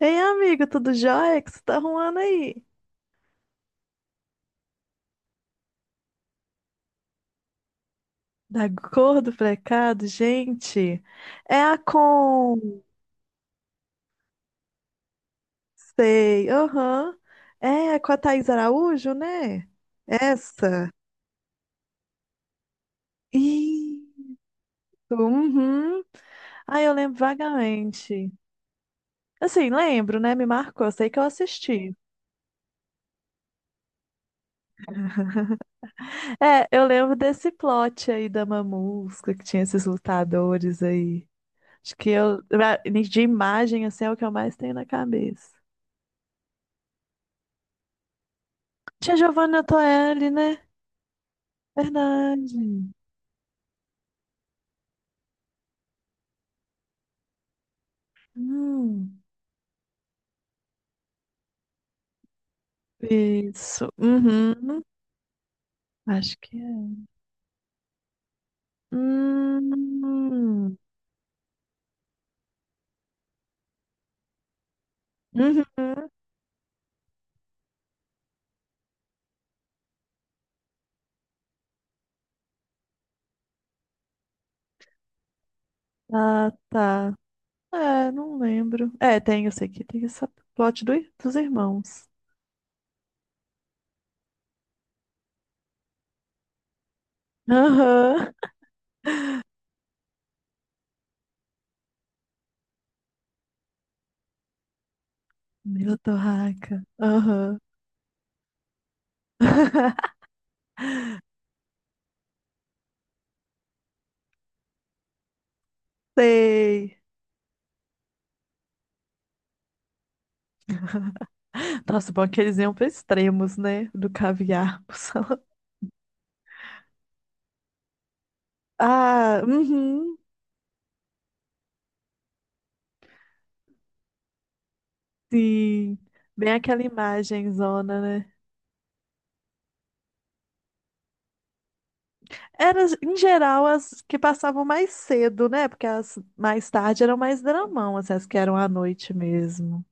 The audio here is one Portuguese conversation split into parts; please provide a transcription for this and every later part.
Ei, amigo, tudo jóia? O que você tá arrumando aí? Da cor do precado, gente. É a com... Sei, aham. É com a Thaís Araújo, né? Essa. Isso, uhum. Ah, eu lembro vagamente. Assim, lembro, né? Me marcou, sei que eu assisti. É, eu lembro desse plot aí da Mamusca, que tinha esses lutadores aí. Acho que eu, de imagem, assim, é o que eu mais tenho na cabeça. Tia Giovanna Toelli, né? Verdade. Hum. Isso. Uhum. Acho que é. Hum. Uhum. Ah, tá. É, não lembro. É, tem, eu sei que tem essa plot do, dos irmãos. Aham. Meu torraca. Aham. Sei. Nossa, bom que eles iam para extremos, né? Do caviar pro salão. Ah, uhum. Sim. Bem aquela imagem zona, né? Era, em geral, as que passavam mais cedo, né? Porque as mais tarde eram mais dramão, assim, as que eram à noite mesmo.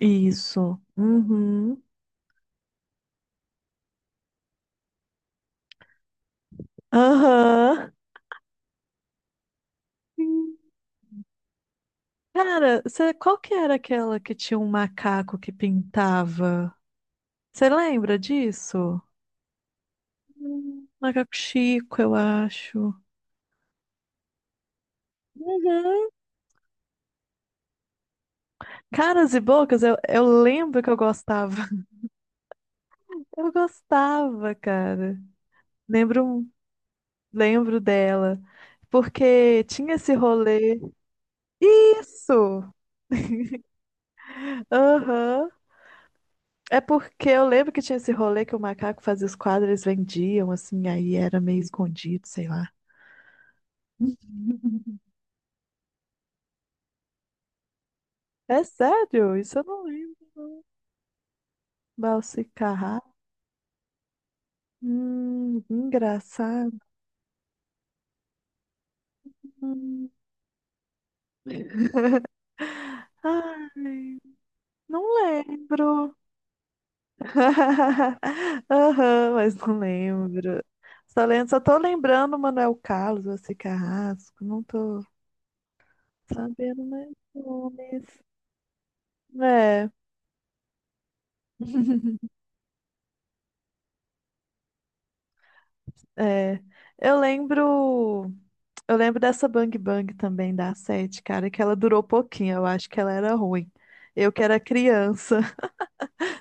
Isso. Uhum. Aham. Sim. Cara, cê- qual que era aquela que tinha um macaco que pintava? Você lembra disso? Macaco Chico, eu acho. Uhum. Caras e bocas, eu lembro que eu gostava. Eu gostava, cara. Lembro, lembro dela. Porque tinha esse rolê. Isso! Aham. É porque eu lembro que tinha esse rolê que o macaco fazia os quadros, eles vendiam, assim, aí era meio escondido, sei lá. É sério, isso eu não lembro. Balsicarrar. Engraçado. Hum. Ai, não lembro. Aham, mas não lembro. Só lembro, só tô lembrando Manuel Carlos, Valsi Carrasco. Não tô sabendo mais nomes. É, é. Eu lembro, eu lembro dessa Bang Bang também da sete, cara, que ela durou pouquinho, eu acho que ela era ruim. Eu que era criança.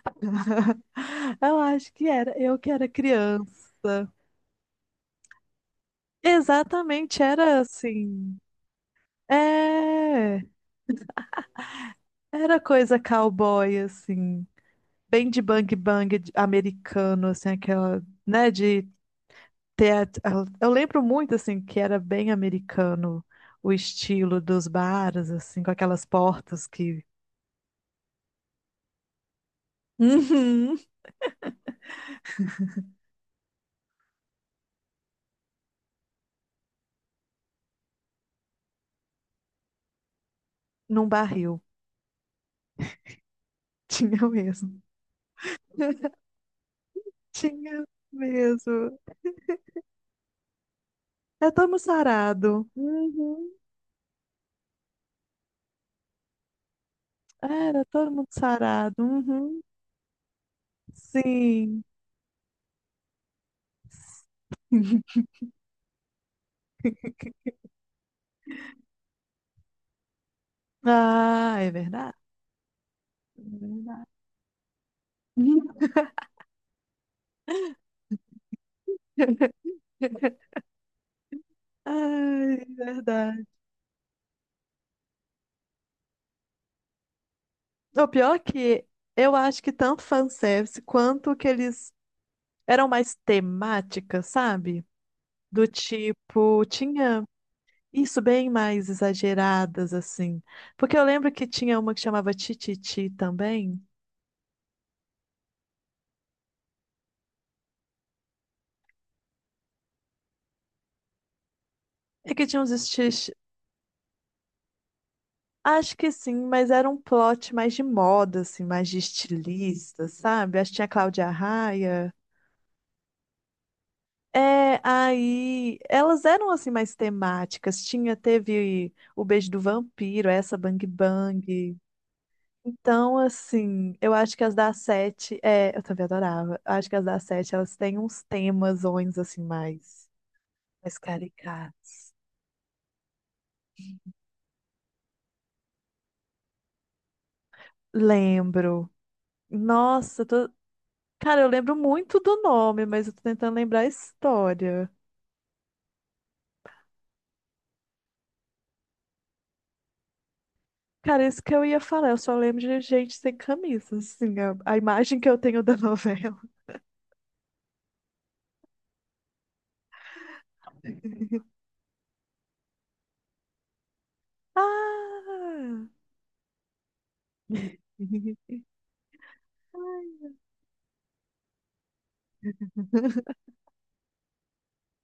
Eu acho que era, eu que era criança. Exatamente, era assim. É, era coisa cowboy assim, bem de bang bang de- americano assim, aquela, né, de teatro. Eu lembro muito, assim, que era bem americano o estilo dos bares, assim, com aquelas portas que... Uhum. Num barril. Tinha mesmo. Tinha mesmo. É todo mundo sarado. Uhum. Era todo mundo sarado. Uhum. Sim. Ah, é verdade. É verdade. Ai, é verdade. O pior é que eu acho que tanto fanservice quanto que eles eram mais temáticas, sabe? Do tipo, tinha isso bem mais exageradas, assim. Porque eu lembro que tinha uma que chamava Tititi também, e que tinha uns estilos. Acho que sim, mas era um plot mais de moda, assim, mais de estilista, sabe? Acho que tinha a Cláudia Raia. É, aí elas eram assim mais temáticas. Tinha, teve o Beijo do Vampiro, essa Bang Bang. Então, assim, eu acho que as da sete, é, eu também adorava. Eu acho que as da sete, elas têm uns temas ons, assim, mais, mais caricatos. Lembro. Nossa, eu tô... Cara, eu lembro muito do nome, mas eu tô tentando lembrar a história. Cara, isso que eu ia falar, eu só lembro de gente sem camisa, assim, a imagem que eu tenho da novela. Ah!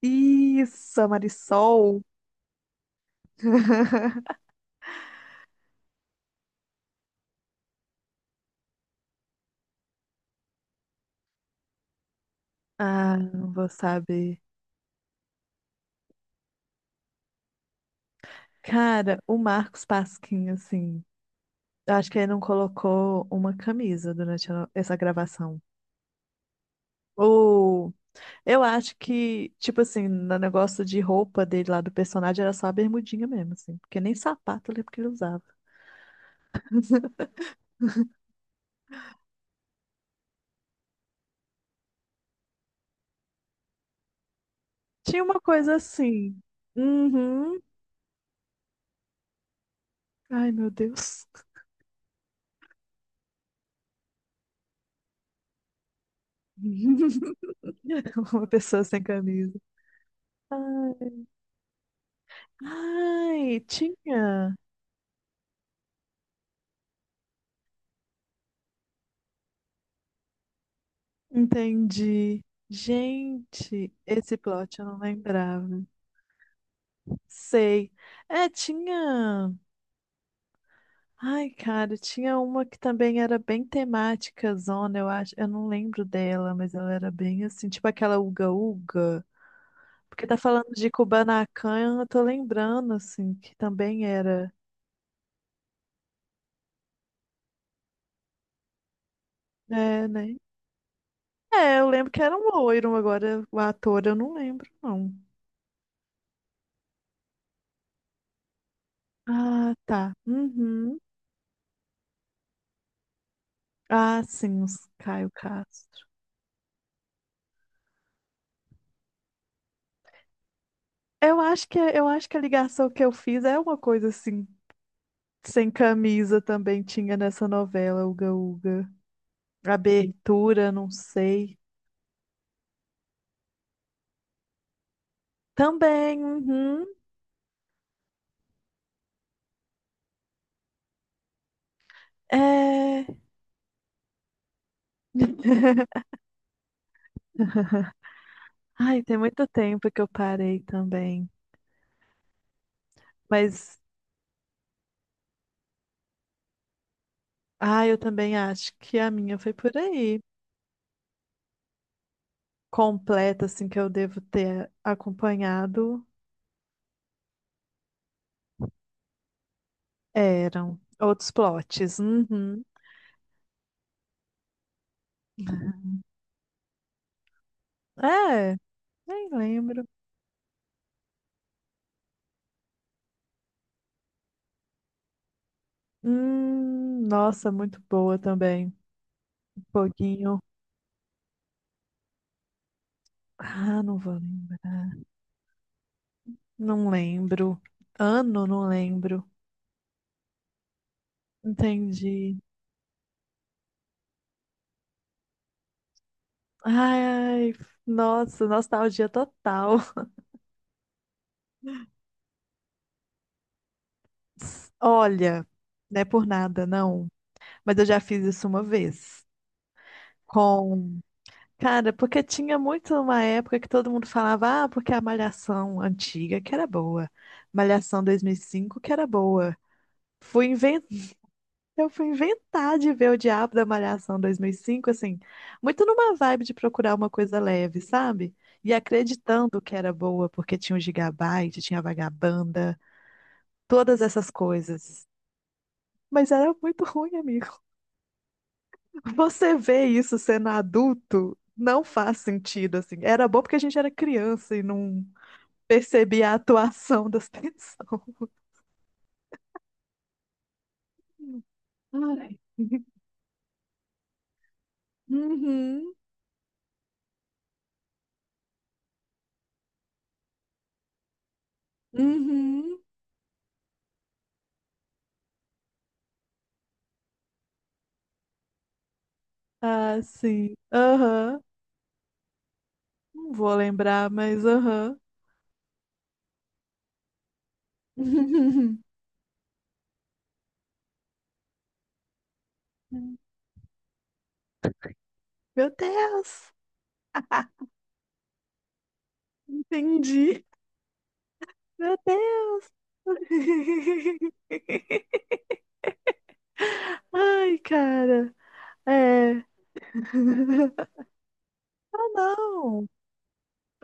Isso, a Marisol. Ah, não vou saber. Cara, o Marcos Pasquim, assim, eu acho que ele não colocou uma camisa durante a- essa gravação. Ou eu acho que, tipo assim, no negócio de roupa dele lá do personagem era só a bermudinha mesmo, assim, porque nem sapato eu lembro que ele usava. Tinha uma coisa assim. Uhum. Ai, meu Deus. Uma pessoa sem camisa. Ai, ai, tinha. Entendi. Gente, esse plot eu não lembrava. Sei. É, tinha. Ai, cara, tinha uma que também era bem temática, zona, eu acho. Eu não lembro dela, mas ela era bem assim, tipo aquela Uga Uga. Porque tá falando de Kubanacan, eu tô lembrando, assim, que também era. É, né? É, eu lembro que era um loiro, agora o ator eu não lembro, não. Ah, tá. Uhum. Ah, sim, os Caio Castro. Eu acho que a ligação que eu fiz é uma coisa assim, sem camisa também tinha nessa novela, Uga Uga. Abertura, não sei. Também, uhum, é... Ai, tem muito tempo que eu parei também. Mas, ah, eu também acho que a minha foi por aí. Completa, assim, que eu devo ter acompanhado, eram outros plots. Uhum. É, nem lembro. Nossa, muito boa também. Um pouquinho. Ah, não vou lembrar. Não lembro. Ano, não lembro. Entendi. Ai, nossa, nostalgia total. Olha, não é por nada, não. Mas eu já fiz isso uma vez. Com... Cara, porque tinha muito uma época que todo mundo falava, ah, porque a Malhação antiga que era boa. Malhação 2005 que era boa. Fui... Eu fui inventar de ver o Diabo da Malhação 2005 assim, muito numa vibe de procurar uma coisa leve, sabe? E acreditando que era boa, porque tinha o Gigabyte, tinha a Vagabanda, todas essas coisas. Mas era muito ruim, amigo. Você vê isso sendo adulto, não faz sentido, assim. Era bom porque a gente era criança e não percebia a atuação das pessoas. Ai. Uhum, uhum. Ah, sim. Aham. Não vou lembrar, mas aham. Meu Deus, entendi. Meu Deus. Ai, cara. É. Ah, não.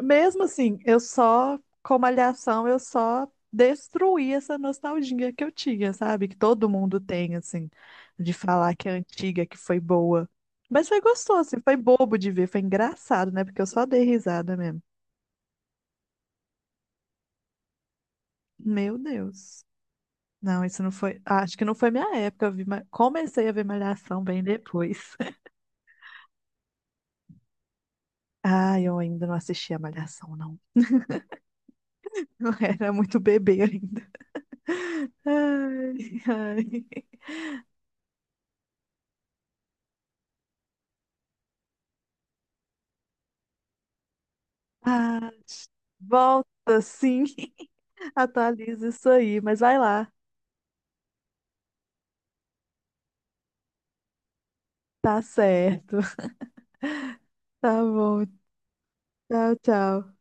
Mesmo assim, eu só, com Malhação, eu só destruí essa nostalgia que eu tinha, sabe? Que todo mundo tem, assim, de falar que é antiga, que foi boa. Mas foi gostoso, assim, foi bobo de ver, foi engraçado, né? Porque eu só dei risada mesmo. Meu Deus. Não, isso não foi. Ah, acho que não foi minha época. Eu vi, Ma- comecei a ver Malhação bem depois. Ah, eu ainda não assistia Malhação, não. Eu era muito bebê ainda. Ai, ai. Ah, volta, sim. Atualiza isso aí, mas vai lá. Tá certo. Tá bom. Tchau, tchau.